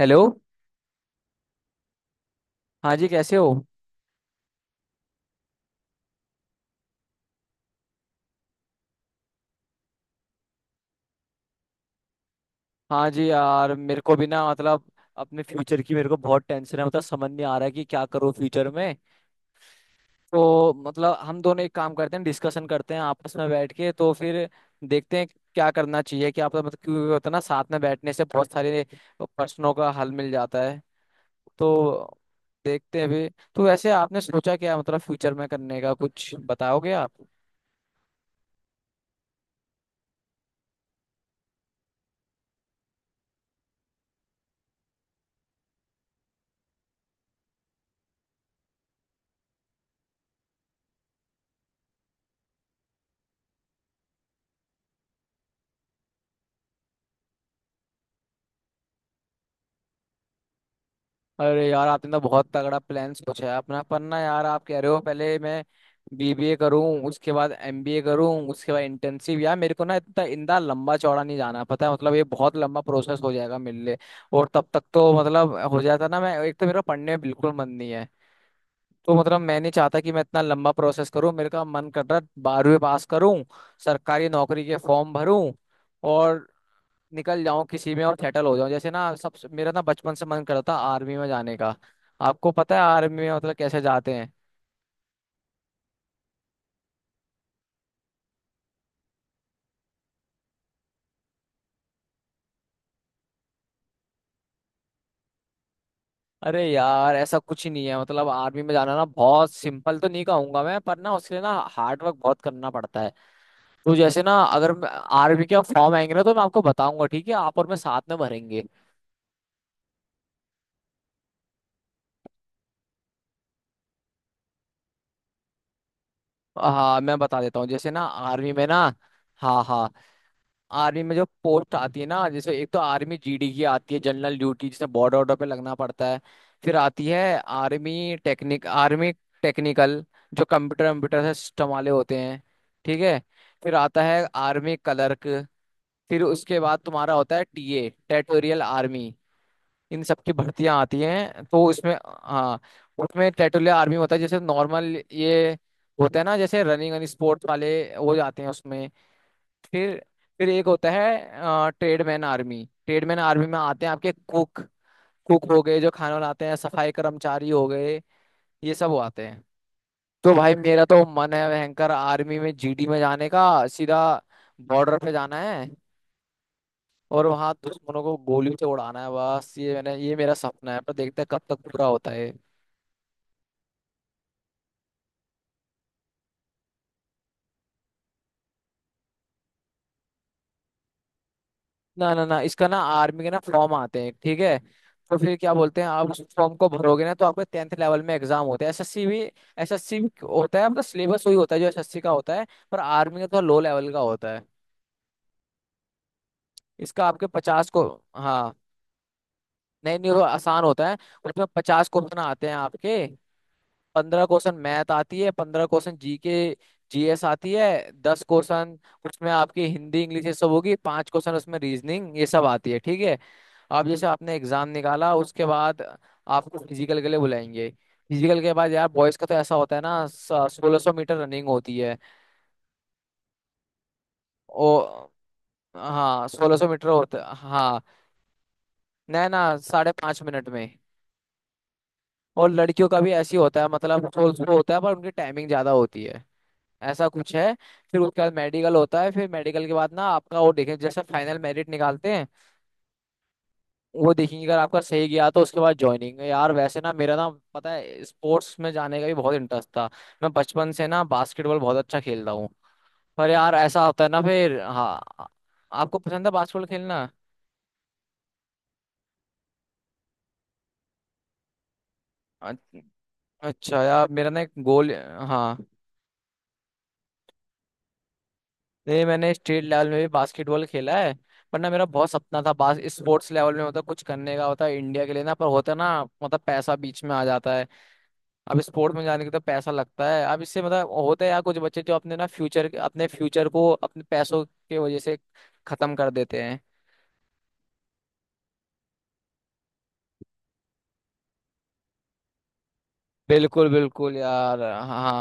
Hello. हाँ जी, कैसे हो? हाँ जी यार, मेरे को भी ना मतलब, अपने फ्यूचर की मेरे को बहुत टेंशन है। मतलब समझ नहीं आ रहा है कि क्या करूँ फ्यूचर में। तो मतलब हम दोनों एक काम करते हैं, डिस्कशन करते हैं आपस में बैठ के, तो फिर देखते हैं क्या करना चाहिए, क्या पता। मतलब क्योंकि होता है ना, साथ में बैठने से बहुत सारे प्रश्नों का हल मिल जाता है। तो देखते हैं भी। तो वैसे आपने सोचा क्या, मतलब फ्यूचर में करने का, कुछ बताओगे आप? अरे यार, आपने तो बहुत तगड़ा प्लान सोचा है अपना। पर ना यार, आप कह रहे हो पहले मैं बीबीए करूं, उसके बाद एमबीए करूं, उसके बाद इंटर्नशिप। यार मेरे को ना इतना इंदा लंबा चौड़ा नहीं जाना, पता है। मतलब ये बहुत लंबा प्रोसेस हो जाएगा मेरे लिए। और तब तक तो मतलब हो जाता ना। मैं एक तो मेरा पढ़ने में बिल्कुल मन नहीं है। तो मतलब मैं नहीं चाहता कि मैं इतना लंबा प्रोसेस करूं। मेरे का मन कर रहा है 12वीं पास करूं, सरकारी नौकरी के फॉर्म भरूं और निकल जाऊं किसी में, और सेटल हो जाऊं। जैसे ना, सब मेरा ना बचपन से मन करता था आर्मी में जाने का। आपको पता है आर्मी में मतलब कैसे जाते हैं? अरे यार, ऐसा कुछ ही नहीं है। मतलब आर्मी में जाना ना बहुत सिंपल तो नहीं कहूंगा मैं, पर ना उसके लिए ना हार्ड वर्क बहुत करना पड़ता है। तो जैसे ना, अगर आर्मी के फॉर्म आएंगे ना, तो मैं आपको बताऊंगा, ठीक है? आप और मैं साथ में भरेंगे। हाँ मैं बता देता हूँ। जैसे ना आर्मी में ना, हाँ हाँ, आर्मी में जो पोस्ट आती है ना, जैसे एक तो आर्मी जीडी की आती है, जनरल ड्यूटी, जिसे बॉर्डर ऑर्डर पे लगना पड़ता है। फिर आती है आर्मी टेक्निकल, जो कंप्यूटर कंप्यूटर से सिस्टम वाले होते हैं, ठीक है? फिर आता है आर्मी क्लर्क। फिर उसके बाद तुम्हारा होता है टीए, टेरिटोरियल आर्मी। इन सब की भर्तियां आती हैं तो उसमें। हाँ, उसमें टेरिटोरियल आर्मी होता है जैसे नॉर्मल ये होता है ना, जैसे रनिंग एंड स्पोर्ट्स वाले वो जाते हैं उसमें। फिर, एक होता है ट्रेडमैन आर्मी। ट्रेडमैन आर्मी में आते हैं आपके कुक। कुक हो गए जो खाना बनाते हैं, सफाई कर्मचारी हो गए, ये सब वो आते हैं। तो भाई मेरा तो मन है भयंकर आर्मी में जीडी में जाने का। सीधा बॉर्डर पे जाना है और वहां दुश्मनों को गोली से उड़ाना है बस। ये मेरा सपना है, पर देखते हैं कब तक पूरा होता है। ना ना ना, इसका ना आर्मी के ना फॉर्म आते हैं, ठीक है? तो फिर क्या बोलते हैं आप उस फॉर्म को भरोगे ना, तो आपके 10th लेवल में एग्जाम होते हैं, एसएससी भी। एसएससी भी होता है मतलब, सिलेबस वही होता है जो एसएससी का होता है, पर आर्मी का थोड़ा लो लेवल का होता है। इसका आपके 50 को, हाँ नहीं नहीं, वो आसान होता है। उसमें 50 क्वेश्चन आते हैं आपके। 15 क्वेश्चन मैथ आती है, 15 क्वेश्चन जी के, जीएस आती है, 10 क्वेश्चन उसमें आपकी हिंदी इंग्लिश ये सब होगी, 5 क्वेश्चन उसमें रीजनिंग, ये सब आती है, ठीक है? अब जैसे आपने एग्जाम निकाला, उसके बाद आपको फिजिकल के लिए बुलाएंगे। फिजिकल के बाद यार, बॉयज का तो ऐसा होता है ना, 1600 मीटर रनिंग होती है। ओ हाँ, 1600 मीटर होता है, हाँ। ना ना, 5.5 मिनट में। और लड़कियों का भी ऐसी होता है, मतलब 1600 होता है पर उनकी टाइमिंग ज्यादा होती है, ऐसा कुछ है। फिर उसके बाद मेडिकल होता है। फिर मेडिकल के बाद ना आपका वो देखें, जैसे फाइनल मेरिट निकालते हैं, वो देखेंगे। अगर आपका सही गया तो उसके बाद ज्वाइनिंग। यार वैसे ना मेरा ना, पता है, स्पोर्ट्स में जाने का भी बहुत इंटरेस्ट था। मैं बचपन से ना बास्केटबॉल बहुत अच्छा खेलता हूँ। पर यार, ऐसा होता है ना फिर, हाँ। आपको पसंद है बास्केटबॉल खेलना? अच्छ- अच्छा यार, मेरा ना एक गोल, हाँ ये मैंने स्टेट लेवल में भी बास्केटबॉल खेला है। पर ना मेरा बहुत सपना था, बास स्पोर्ट्स लेवल में होता कुछ करने का, होता है इंडिया के लिए ना, पर होता है ना, मतलब पैसा बीच में आ जाता है। अब स्पोर्ट में जाने के तो पैसा लगता है। अब इससे मतलब होता है यार, कुछ बच्चे जो अपने ना फ्यूचर, अपने फ्यूचर को अपने पैसों के वजह से खत्म कर देते हैं। बिल्कुल बिल्कुल यार, हाँ।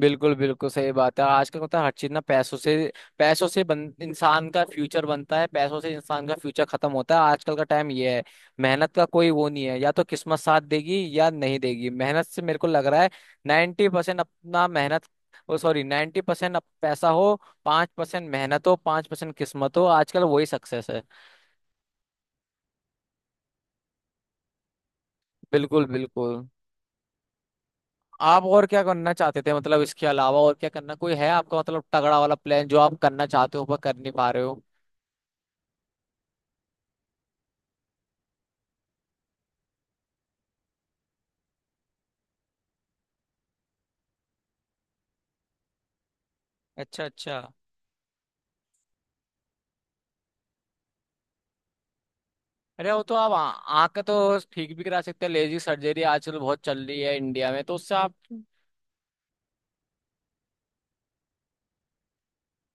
बिल्कुल बिल्कुल सही बात है। आजकल मतलब हर चीज ना पैसों से, इंसान का फ्यूचर बनता है पैसों से, इंसान का फ्यूचर खत्म होता है, आजकल का टाइम ये है। मेहनत का कोई वो नहीं है। या तो किस्मत साथ देगी या नहीं देगी। मेहनत से मेरे को लग रहा है 90% अपना मेहनत, ओ सॉरी, 90% पैसा हो, 5% मेहनत हो, 5% किस्मत हो, आजकल वही सक्सेस है। बिल्कुल बिल्कुल। आप और क्या करना चाहते थे मतलब, इसके अलावा और क्या करना कोई है आपका, मतलब तगड़ा वाला प्लान जो आप करना चाहते हो पर कर नहीं पा रहे हो? अच्छा अच्छा। अरे वो तो आप आँख तो ठीक भी करा सकते हैं। लेजी सर्जरी आजकल बहुत चल रही है इंडिया में, तो उससे आप।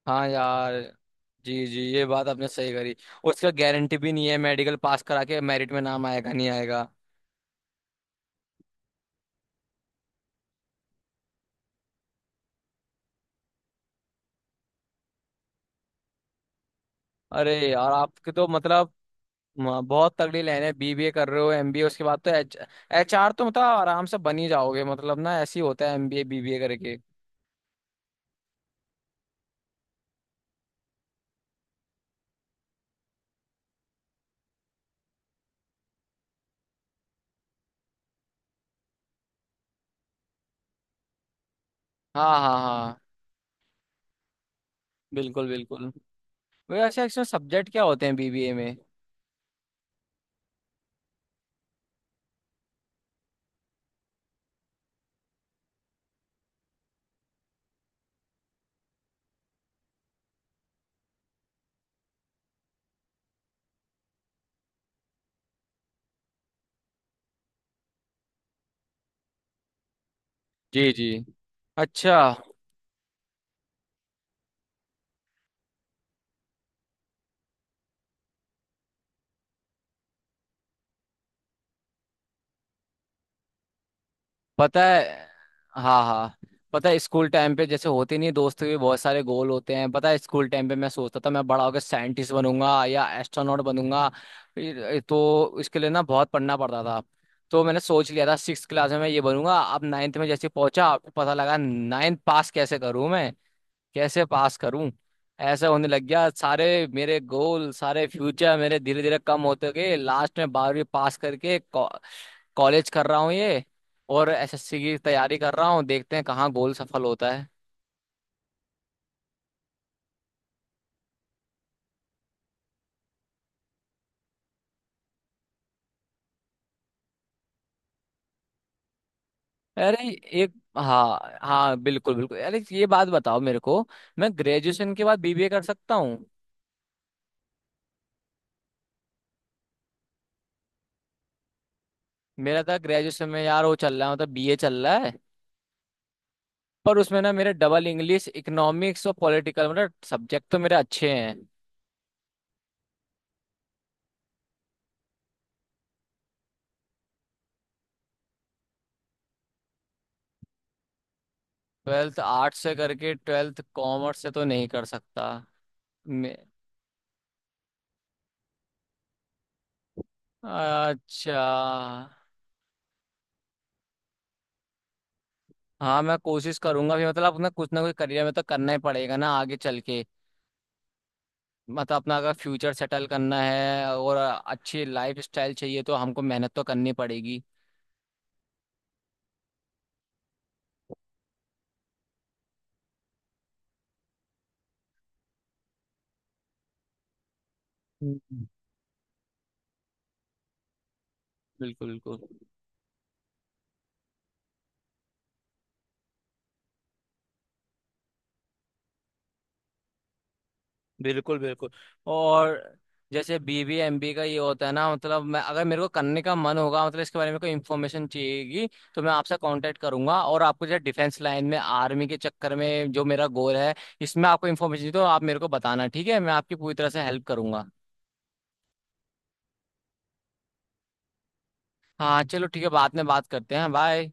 हाँ यार, जी जी, ये बात आपने सही करी। उसका गारंटी भी नहीं है, मेडिकल पास करा के मेरिट में नाम आएगा नहीं आएगा। अरे यार आपके तो मतलब, बहुत तगड़ी लाइन है। बीबीए कर रहे हो, एमबीए उसके बाद, तो एच एचआर तो मतलब आराम से बन ही जाओगे। मतलब ना ऐसे ही होता है, एमबीए बीबीए करके। हाँ हाँ हाँ, बिल्कुल बिल्कुल। वैसे एक्चुअली सब्जेक्ट क्या होते हैं बीबीए में? जी जी, अच्छा, पता है, हाँ हाँ। पता है स्कूल टाइम पे जैसे होते नहीं, दोस्त के भी बहुत सारे गोल होते हैं। पता है स्कूल टाइम पे मैं सोचता था मैं बड़ा होकर साइंटिस्ट बनूंगा या एस्ट्रोनॉट बनूंगा। तो इसके लिए ना बहुत पढ़ना पड़ता था। तो मैंने सोच लिया था सिक्स क्लास में, मैं ये बनूंगा। अब नाइन्थ में जैसे पहुंचा, पता लगा नाइन्थ पास कैसे करूं मैं, कैसे पास करूं। ऐसे होने लग गया। सारे मेरे गोल, सारे फ्यूचर मेरे धीरे धीरे कम होते गए। लास्ट में 12वीं पास करके कॉलेज कर रहा हूँ ये, और एसएससी की तैयारी कर रहा हूँ, देखते हैं कहाँ गोल सफल होता है। अरे एक, हाँ हाँ, बिल्कुल बिल्कुल। अरे ये बात बताओ मेरे को, मैं ग्रेजुएशन के बाद बीबीए कर सकता हूँ? मेरा था ग्रेजुएशन में यार वो चल रहा है, मतलब बीए चल रहा है। पर उसमें ना मेरे डबल इंग्लिश, इकोनॉमिक्स और पॉलिटिकल, मतलब सब्जेक्ट तो मेरे अच्छे हैं। ट्वेल्थ आर्ट्स से करके ट्वेल्थ कॉमर्स से तो नहीं कर सकता मैं। अच्छा, हाँ मैं कोशिश करूंगा भी। मतलब अपना कुछ ना कुछ करियर में तो करना ही पड़ेगा ना आगे चल के। मतलब अपना अगर फ्यूचर सेटल करना है और अच्छी लाइफ स्टाइल चाहिए, तो हमको मेहनत तो करनी पड़ेगी। हम्म। बिल्कुल बिल्कुल, बिल्कुल बिल्कुल। और जैसे बीबी एमबी का ये होता है ना, मतलब मैं अगर मेरे को करने का मन होगा, मतलब इसके बारे में कोई इन्फॉर्मेशन चाहिएगी, तो मैं आपसे कांटेक्ट करूंगा। और आपको जैसे डिफेंस लाइन में, आर्मी के चक्कर में, जो मेरा गोल है, इसमें आपको इन्फॉर्मेशन चाहिए, तो आप मेरे को बताना, ठीक है? मैं आपकी पूरी तरह से हेल्प करूंगा। हाँ चलो ठीक है, बाद में बात करते हैं, बाय।